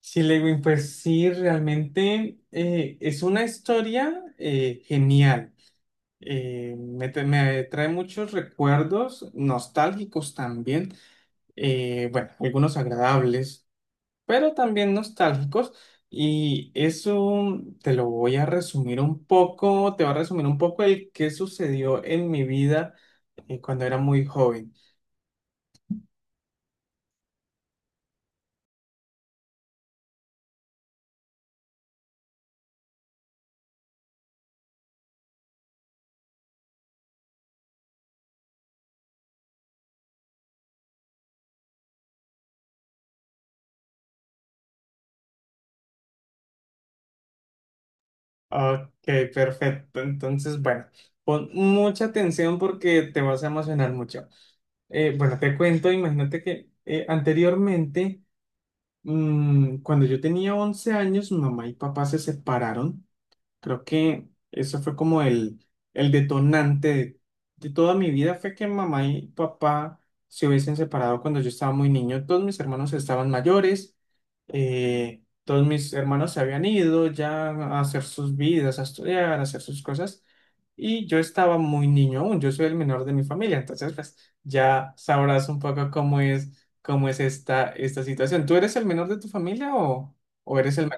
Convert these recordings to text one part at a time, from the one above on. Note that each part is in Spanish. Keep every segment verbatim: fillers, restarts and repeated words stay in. Sí, Lewin, pues sí, realmente eh, es una historia eh, genial. Eh, me, tra- me trae muchos recuerdos nostálgicos también, eh, bueno, algunos agradables, pero también nostálgicos. Y eso te lo voy a resumir un poco, te va a resumir un poco el que sucedió en mi vida eh, cuando era muy joven. Ok, perfecto. Entonces, bueno, pon mucha atención porque te vas a emocionar mucho. Eh, bueno, te cuento, imagínate que eh, anteriormente, mm, cuando yo tenía once años, mamá y papá se separaron. Creo que eso fue como el, el detonante de, de toda mi vida, fue que mamá y papá se hubiesen separado cuando yo estaba muy niño. Todos mis hermanos estaban mayores, eh, todos mis hermanos se habían ido ya a hacer sus vidas, a estudiar, a hacer sus cosas, y yo estaba muy niño aún, yo soy el menor de mi familia, entonces pues ya sabrás un poco cómo es, cómo es esta, esta situación. ¿Tú eres el menor de tu familia o, o eres el...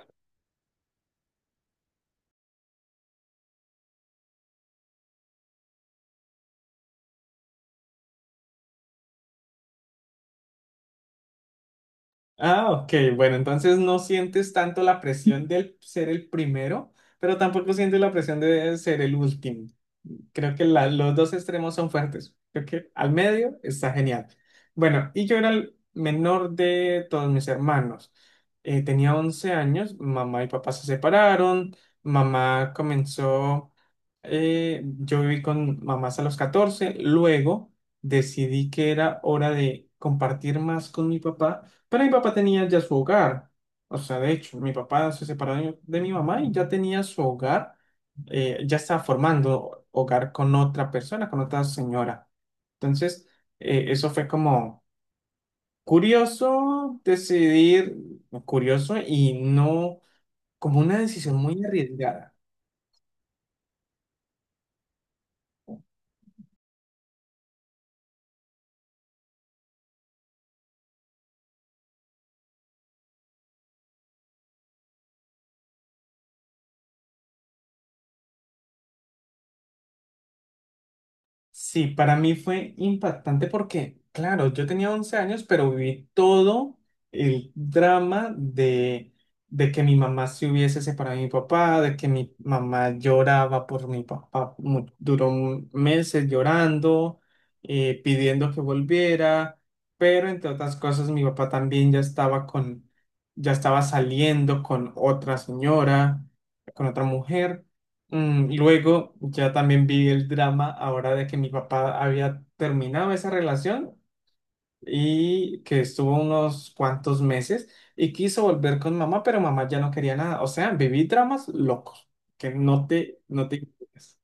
Ah, ok, bueno, entonces no sientes tanto la presión del ser el primero, pero tampoco sientes la presión de ser el último. Creo que la- los dos extremos son fuertes. Creo que al medio está genial. Bueno, y yo era el menor de todos mis hermanos. Eh, tenía once años, mamá y papá se separaron, mamá comenzó... Eh, yo viví con mamás a los catorce, luego decidí que era hora de compartir más con mi papá, pero mi papá tenía ya su hogar. O sea, de hecho, mi papá se separó de, de mi mamá y ya tenía su hogar, eh, ya estaba formando hogar con otra persona, con otra señora. Entonces, eh, eso fue como curioso decidir, curioso y no como una decisión muy arriesgada. Sí, para mí fue impactante porque, claro, yo tenía once años, pero viví todo el drama de, de que mi mamá se hubiese separado de mi papá, de que mi mamá lloraba por mi papá, mu- duró un- meses llorando, eh, pidiendo que volviera, pero entre otras cosas mi papá también ya estaba con, ya estaba saliendo con otra señora, con otra mujer. Mm, luego ya también vi el drama ahora de que mi papá había terminado esa relación y que estuvo unos cuantos meses y quiso volver con mamá, pero mamá ya no quería nada. O sea, viví dramas locos, que no te... no te... imaginas.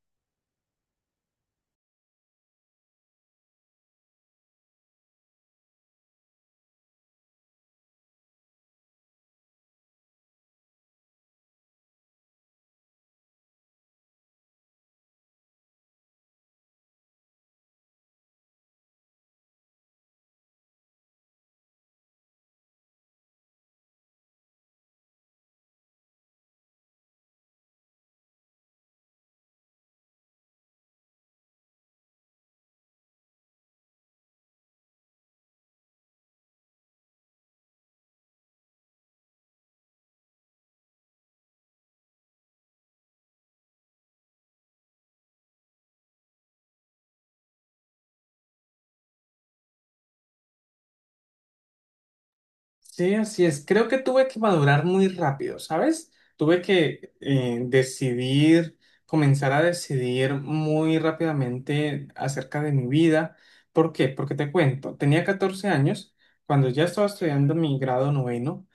Sí, así es. Creo que tuve que madurar muy rápido, ¿sabes? Tuve que eh, decidir, comenzar a decidir muy rápidamente acerca de mi vida. ¿Por qué? Porque te cuento, tenía catorce años cuando ya estaba estudiando mi grado noveno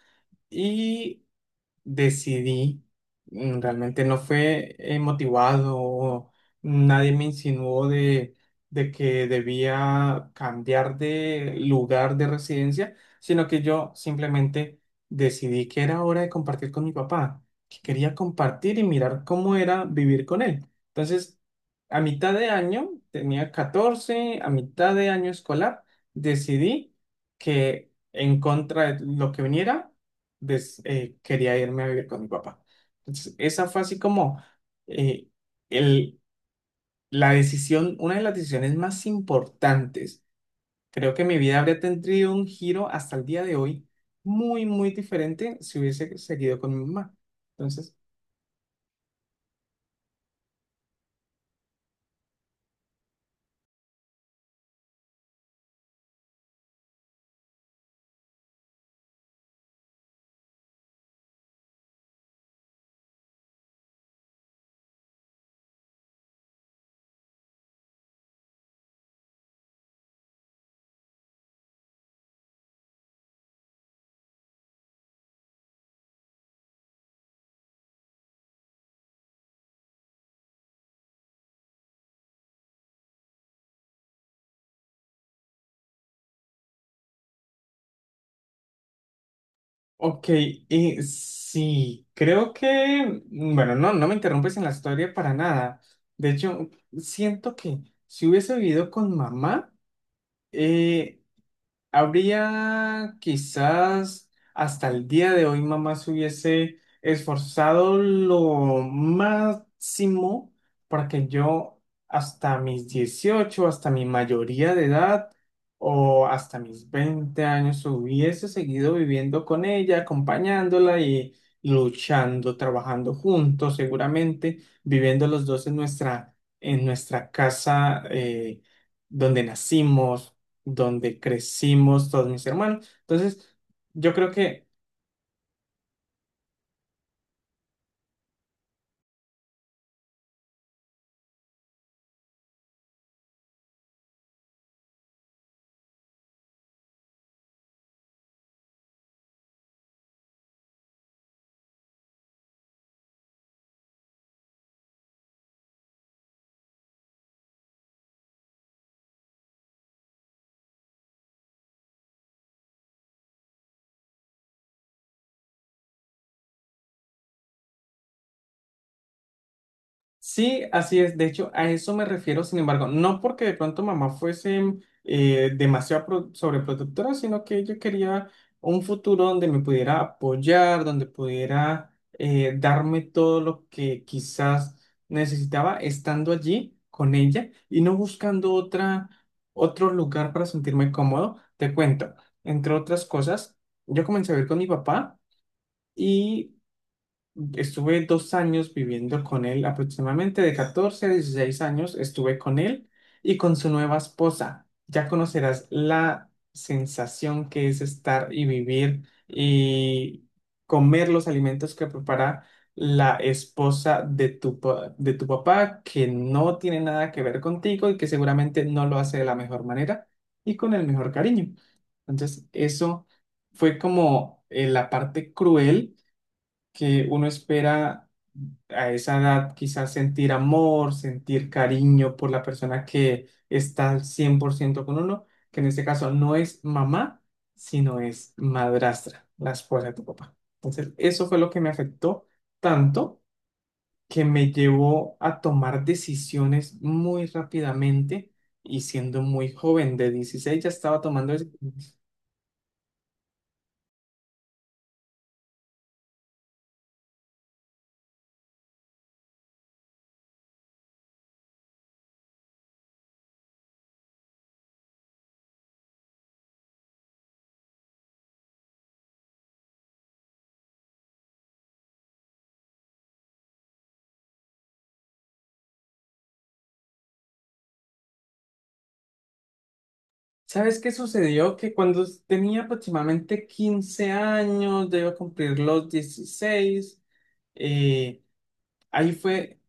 y decidí, mm, realmente no fue eh, motivado, o nadie me insinuó de, de que debía cambiar de lugar de residencia, sino que yo simplemente decidí que era hora de compartir con mi papá, que quería compartir y mirar cómo era vivir con él. Entonces, a mitad de año, tenía catorce a mitad de año escolar, decidí que en contra de lo que viniera, des- eh, quería irme a vivir con mi papá. Entonces, esa fue así como eh, el, la decisión, una de las decisiones más importantes. Creo que mi vida habría tenido un giro hasta el día de hoy muy, muy diferente si hubiese seguido con mi mamá. Entonces, ok, y sí, creo que, bueno, no, no me interrumpes en la historia para nada. De hecho, siento que si hubiese vivido con mamá, eh, habría quizás hasta el día de hoy mamá se hubiese esforzado lo máximo para que yo hasta mis dieciocho, hasta mi mayoría de edad o hasta mis veinte años hubiese seguido viviendo con ella, acompañándola y luchando, trabajando juntos, seguramente viviendo los dos en nuestra, en nuestra casa eh, donde nacimos, donde crecimos todos mis hermanos. Entonces, yo creo que sí, así es. De hecho, a eso me refiero, sin embargo, no porque de pronto mamá fuese eh, demasiado pro- sobreprotectora, sino que yo quería un futuro donde me pudiera apoyar, donde pudiera eh, darme todo lo que quizás necesitaba estando allí con ella y no buscando otra, otro lugar para sentirme cómodo. Te cuento, entre otras cosas, yo comencé a vivir con mi papá. Y estuve dos años viviendo con él, aproximadamente de catorce a dieciséis años estuve con él y con su nueva esposa. Ya conocerás la sensación que es estar y vivir y comer los alimentos que prepara la esposa de tu, pa- de tu papá, que no tiene nada que ver contigo y que seguramente no lo hace de la mejor manera y con el mejor cariño. Entonces, eso fue como eh, la parte cruel que uno espera a esa edad quizás sentir amor, sentir cariño por la persona que está al cien por ciento con uno, que en este caso no es mamá, sino es madrastra, la esposa de tu papá. Entonces, eso fue lo que me afectó tanto que me llevó a tomar decisiones muy rápidamente y siendo muy joven, de dieciséis ya estaba tomando decisiones. ¿Sabes qué sucedió? Que cuando tenía aproximadamente quince años, ya iba a cumplir los dieciséis, eh, ahí fue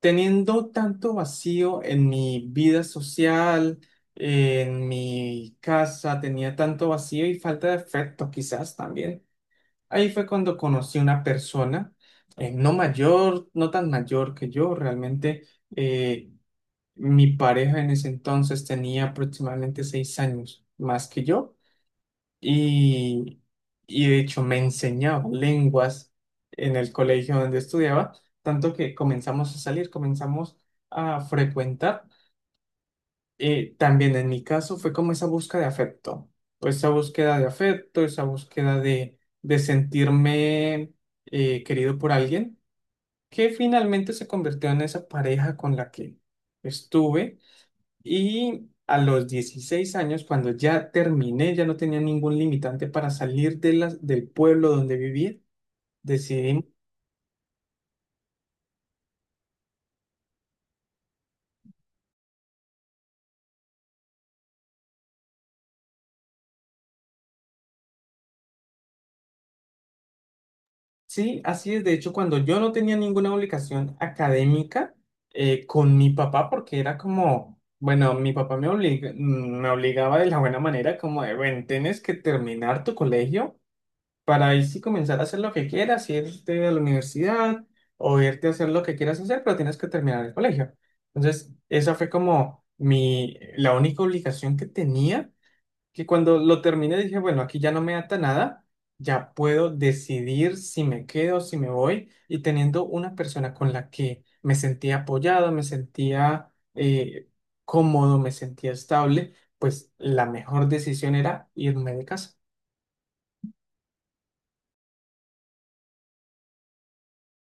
teniendo tanto vacío en mi vida social, en mi casa, tenía tanto vacío y falta de afecto quizás también. Ahí fue cuando conocí una persona, eh, no mayor, no tan mayor que yo, realmente, eh, mi pareja en ese entonces tenía aproximadamente seis años más que yo y, y de hecho me enseñaba lenguas en el colegio donde estudiaba, tanto que comenzamos a salir, comenzamos a frecuentar. Eh, también en mi caso fue como esa búsqueda de afecto, pues esa búsqueda de afecto, esa búsqueda de, de sentirme eh, querido por alguien, que finalmente se convirtió en esa pareja con la que estuve, y a los dieciséis años, cuando ya terminé, ya no tenía ningún limitante para salir de las, del pueblo donde vivía, decidí, sí, así es, de hecho, cuando yo no tenía ninguna obligación académica eh, con mi papá, porque era como, bueno, mi papá me obliga, mm, me obligaba de la buena manera, como de, bueno, tienes que terminar tu colegio para ahí sí comenzar a hacer lo que quieras, irte a la universidad o irte a hacer lo que quieras hacer, pero tienes que terminar el colegio. Entonces, esa fue como mi, la única obligación que tenía, que cuando lo terminé dije, bueno, aquí ya no me ata nada, ya puedo decidir si me quedo, si me voy, y teniendo una persona con la que me sentía apoyado, me sentía eh, cómodo, me sentía estable, pues la mejor decisión era irme de casa.